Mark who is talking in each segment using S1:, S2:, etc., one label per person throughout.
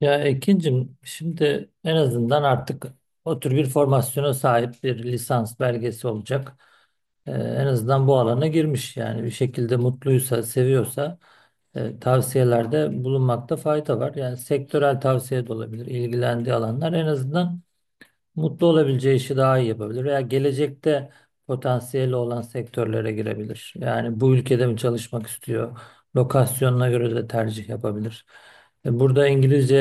S1: Ya Ekin'cim, şimdi en azından artık o tür bir formasyona sahip bir lisans belgesi olacak. En azından bu alana girmiş, yani bir şekilde mutluysa, seviyorsa tavsiyelerde bulunmakta fayda var. Yani sektörel tavsiye de olabilir, ilgilendiği alanlar en azından mutlu olabileceği işi daha iyi yapabilir veya gelecekte potansiyeli olan sektörlere girebilir. Yani bu ülkede mi çalışmak istiyor? Lokasyonuna göre de tercih yapabilir. Burada İngilizce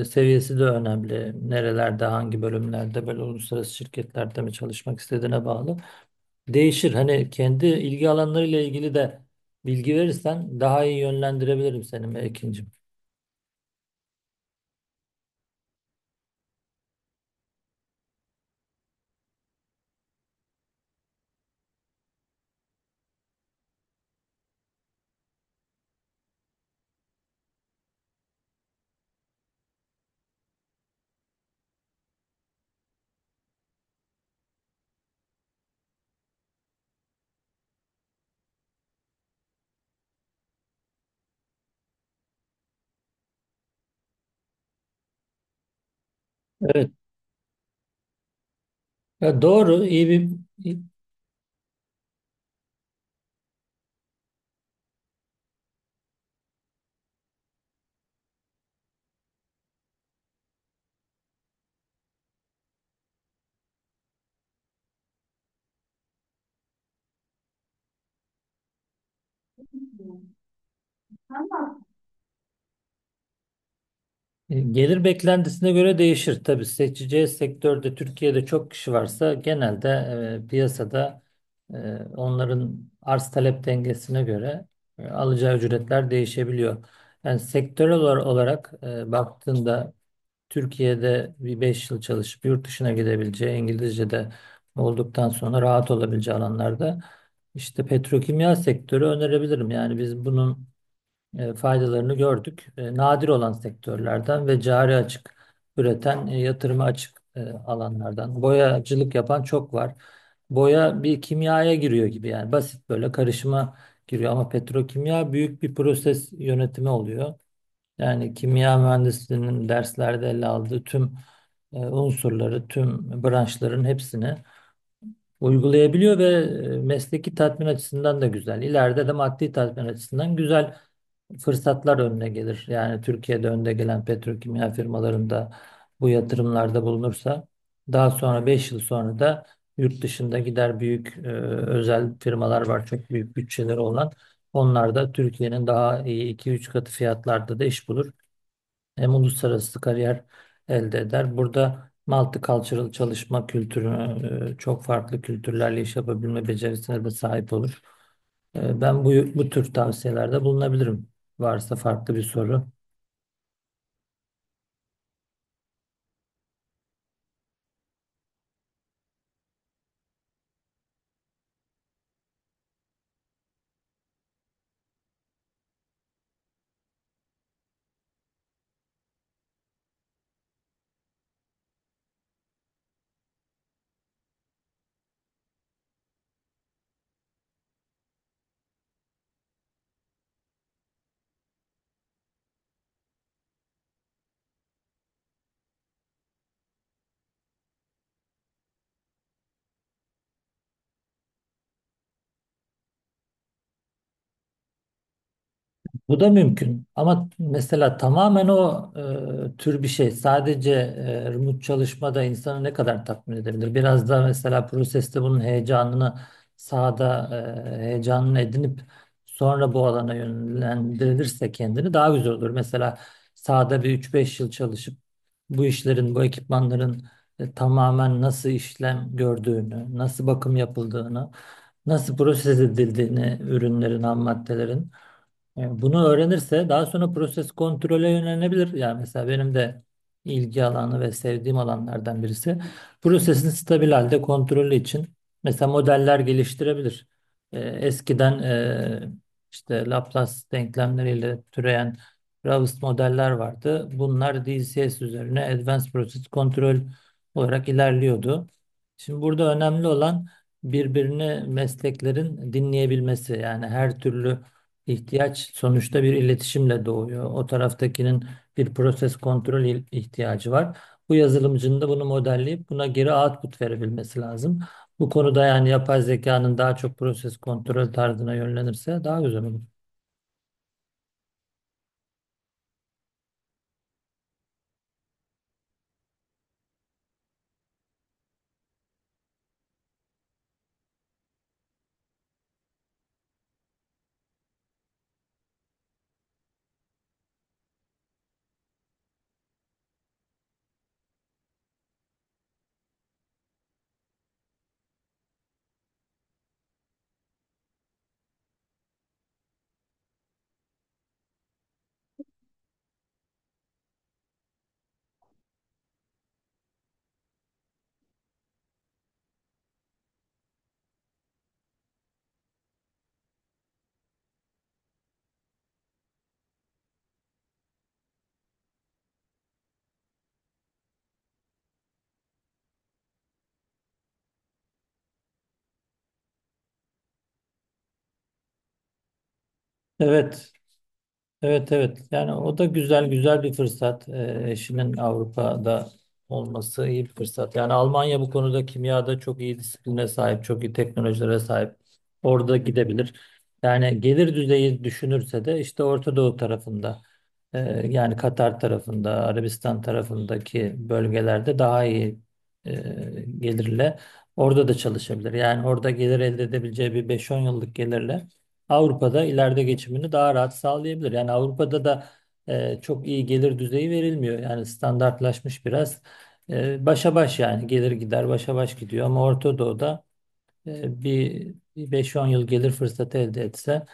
S1: seviyesi de önemli. Nerelerde, hangi bölümlerde, böyle uluslararası şirketlerde mi çalışmak istediğine bağlı. Değişir. Hani kendi ilgi alanlarıyla ilgili de bilgi verirsen daha iyi yönlendirebilirim seni Mekin'cim. Evet. Ya doğru, iyi bir... Gelir beklentisine göre değişir. Tabii seçeceği sektörde Türkiye'de çok kişi varsa, genelde piyasada e, onların arz talep dengesine göre alacağı ücretler değişebiliyor. Yani sektörel olarak baktığında, Türkiye'de bir 5 yıl çalışıp yurt dışına gidebileceği, İngilizce'de olduktan sonra rahat olabileceği alanlarda işte petrokimya sektörü önerebilirim. Yani biz bunun faydalarını gördük. E, nadir olan sektörlerden ve cari açık üreten, yatırıma açık alanlardan. Boyacılık yapan çok var. Boya bir kimyaya giriyor gibi, yani basit böyle karışıma giriyor, ama petrokimya büyük bir proses yönetimi oluyor. Yani kimya mühendisliğinin derslerde ele aldığı tüm unsurları, tüm branşların hepsini uygulayabiliyor ve mesleki tatmin açısından da güzel. İleride de maddi tatmin açısından güzel fırsatlar önüne gelir. Yani Türkiye'de önde gelen petrokimya firmalarında bu yatırımlarda bulunursa, daha sonra 5 yıl sonra da yurt dışında gider; büyük özel firmalar var, çok büyük bütçeleri olan. Onlar da Türkiye'nin daha iyi 2-3 katı fiyatlarda da iş bulur. Hem uluslararası kariyer elde eder. Burada multicultural çalışma kültürü, çok farklı kültürlerle iş yapabilme becerisine de sahip olur. Ben bu tür tavsiyelerde bulunabilirim. Varsa farklı bir soru. Bu da mümkün. Ama mesela tamamen o tür bir şey. Sadece remote çalışmada insanı ne kadar tatmin edebilir? Biraz da mesela proseste bunun heyecanını sahada heyecanını edinip sonra bu alana yönlendirilirse kendini daha güzel olur. Mesela sahada bir 3-5 yıl çalışıp bu işlerin, bu ekipmanların tamamen nasıl işlem gördüğünü, nasıl bakım yapıldığını, nasıl proses edildiğini, ürünlerin, ham maddelerin, yani bunu öğrenirse, daha sonra proses kontrole yönelebilir. Yani mesela benim de ilgi alanı ve sevdiğim alanlardan birisi, prosesin stabil halde kontrolü için mesela modeller geliştirebilir. Eskiden işte Laplace denklemleriyle türeyen Raoust modeller vardı. Bunlar DCS üzerine Advanced Process Control olarak ilerliyordu. Şimdi burada önemli olan birbirini mesleklerin dinleyebilmesi, yani her türlü İhtiyaç sonuçta bir iletişimle doğuyor. O taraftakinin bir proses kontrol ihtiyacı var. Bu yazılımcının da bunu modelleyip buna geri output verebilmesi lazım. Bu konuda yani yapay zekanın daha çok proses kontrol tarzına yönlenirse daha güzel olur. Evet, evet, evet, yani o da güzel güzel bir fırsat. Eşinin Avrupa'da olması iyi bir fırsat. Yani Almanya bu konuda kimyada çok iyi disipline sahip, çok iyi teknolojilere sahip, orada gidebilir. Yani gelir düzeyi düşünürse de işte Orta Doğu tarafında, e, yani Katar tarafında, Arabistan tarafındaki bölgelerde daha iyi e, gelirle orada da çalışabilir. Yani orada gelir elde edebileceği bir 5-10 yıllık gelirle Avrupa'da ileride geçimini daha rahat sağlayabilir. Yani Avrupa'da da çok iyi gelir düzeyi verilmiyor. Yani standartlaşmış biraz. Başa baş, yani gelir gider başa baş gidiyor. Ama Orta Doğu'da bir beş-on yıl gelir fırsatı elde etse,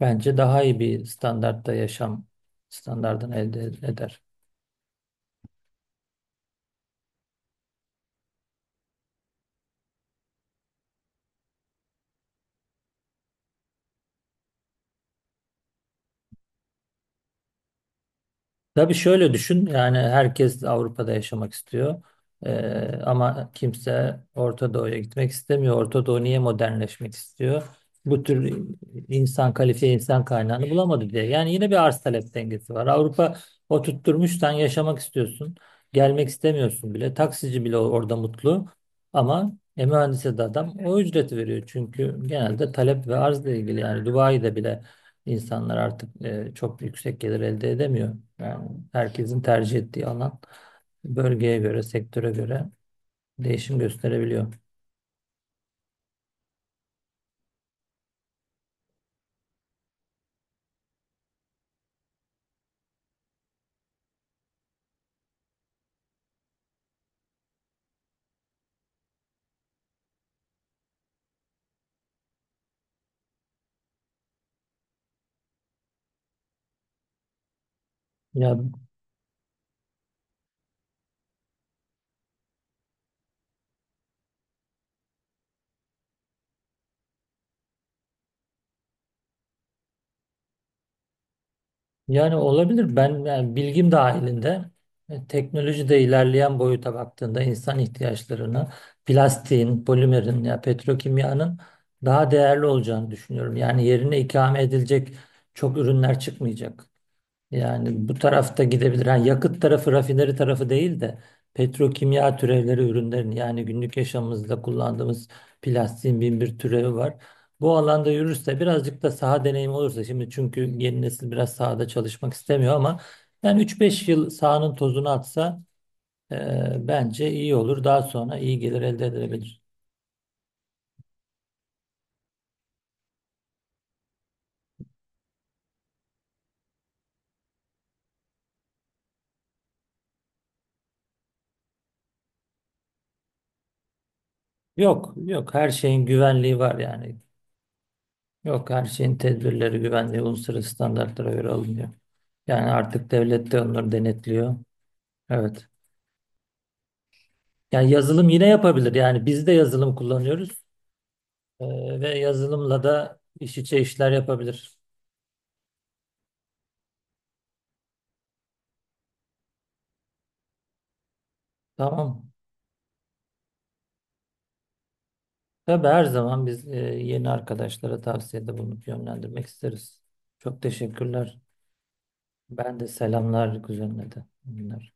S1: bence daha iyi bir standartta yaşam standartını elde eder. Tabii şöyle düşün, yani herkes Avrupa'da yaşamak istiyor. Ama kimse Orta Doğu'ya gitmek istemiyor. Orta Doğu niye modernleşmek istiyor? Bu tür insan, kalifiye insan kaynağını bulamadı diye. Yani yine bir arz talep dengesi var. Avrupa o tutturmuş, sen yaşamak istiyorsun. Gelmek istemiyorsun bile. Taksici bile orada mutlu, ama mühendise de adam o ücreti veriyor. Çünkü genelde talep ve arzla ilgili, yani Dubai'de bile İnsanlar artık çok yüksek gelir elde edemiyor. Yani herkesin tercih ettiği alan, bölgeye göre, sektöre göre değişim gösterebiliyor. Ya yani olabilir. Ben yani bilgim dahilinde teknolojide ilerleyen boyuta baktığında, insan ihtiyaçlarını, plastiğin, polimerin ya petrokimyanın daha değerli olacağını düşünüyorum. Yani yerine ikame edilecek çok ürünler çıkmayacak. Yani bu tarafta gidebilir. Ha, yakıt tarafı, rafineri tarafı değil de petrokimya türevleri ürünlerin, yani günlük yaşamımızda kullandığımız plastiğin bin bir türevi var. Bu alanda yürürse, birazcık da saha deneyimi olursa, şimdi çünkü yeni nesil biraz sahada çalışmak istemiyor, ama yani üç-beş yıl sahanın tozunu atsa, bence iyi olur. Daha sonra iyi gelir elde edilebilir. Yok, yok, her şeyin güvenliği var yani. Yok, her şeyin tedbirleri, güvenliği, uluslararası standartlara göre alınıyor. Yani artık devlet de onları denetliyor. Evet. Yani yazılım yine yapabilir. Yani biz de yazılım kullanıyoruz. Ve yazılımla da iş içe işler yapabilir. Tamam. Tabii her zaman biz yeni arkadaşlara tavsiyede bulunup yönlendirmek isteriz. Çok teşekkürler. Ben de selamlar kuzenine de. Bunlar.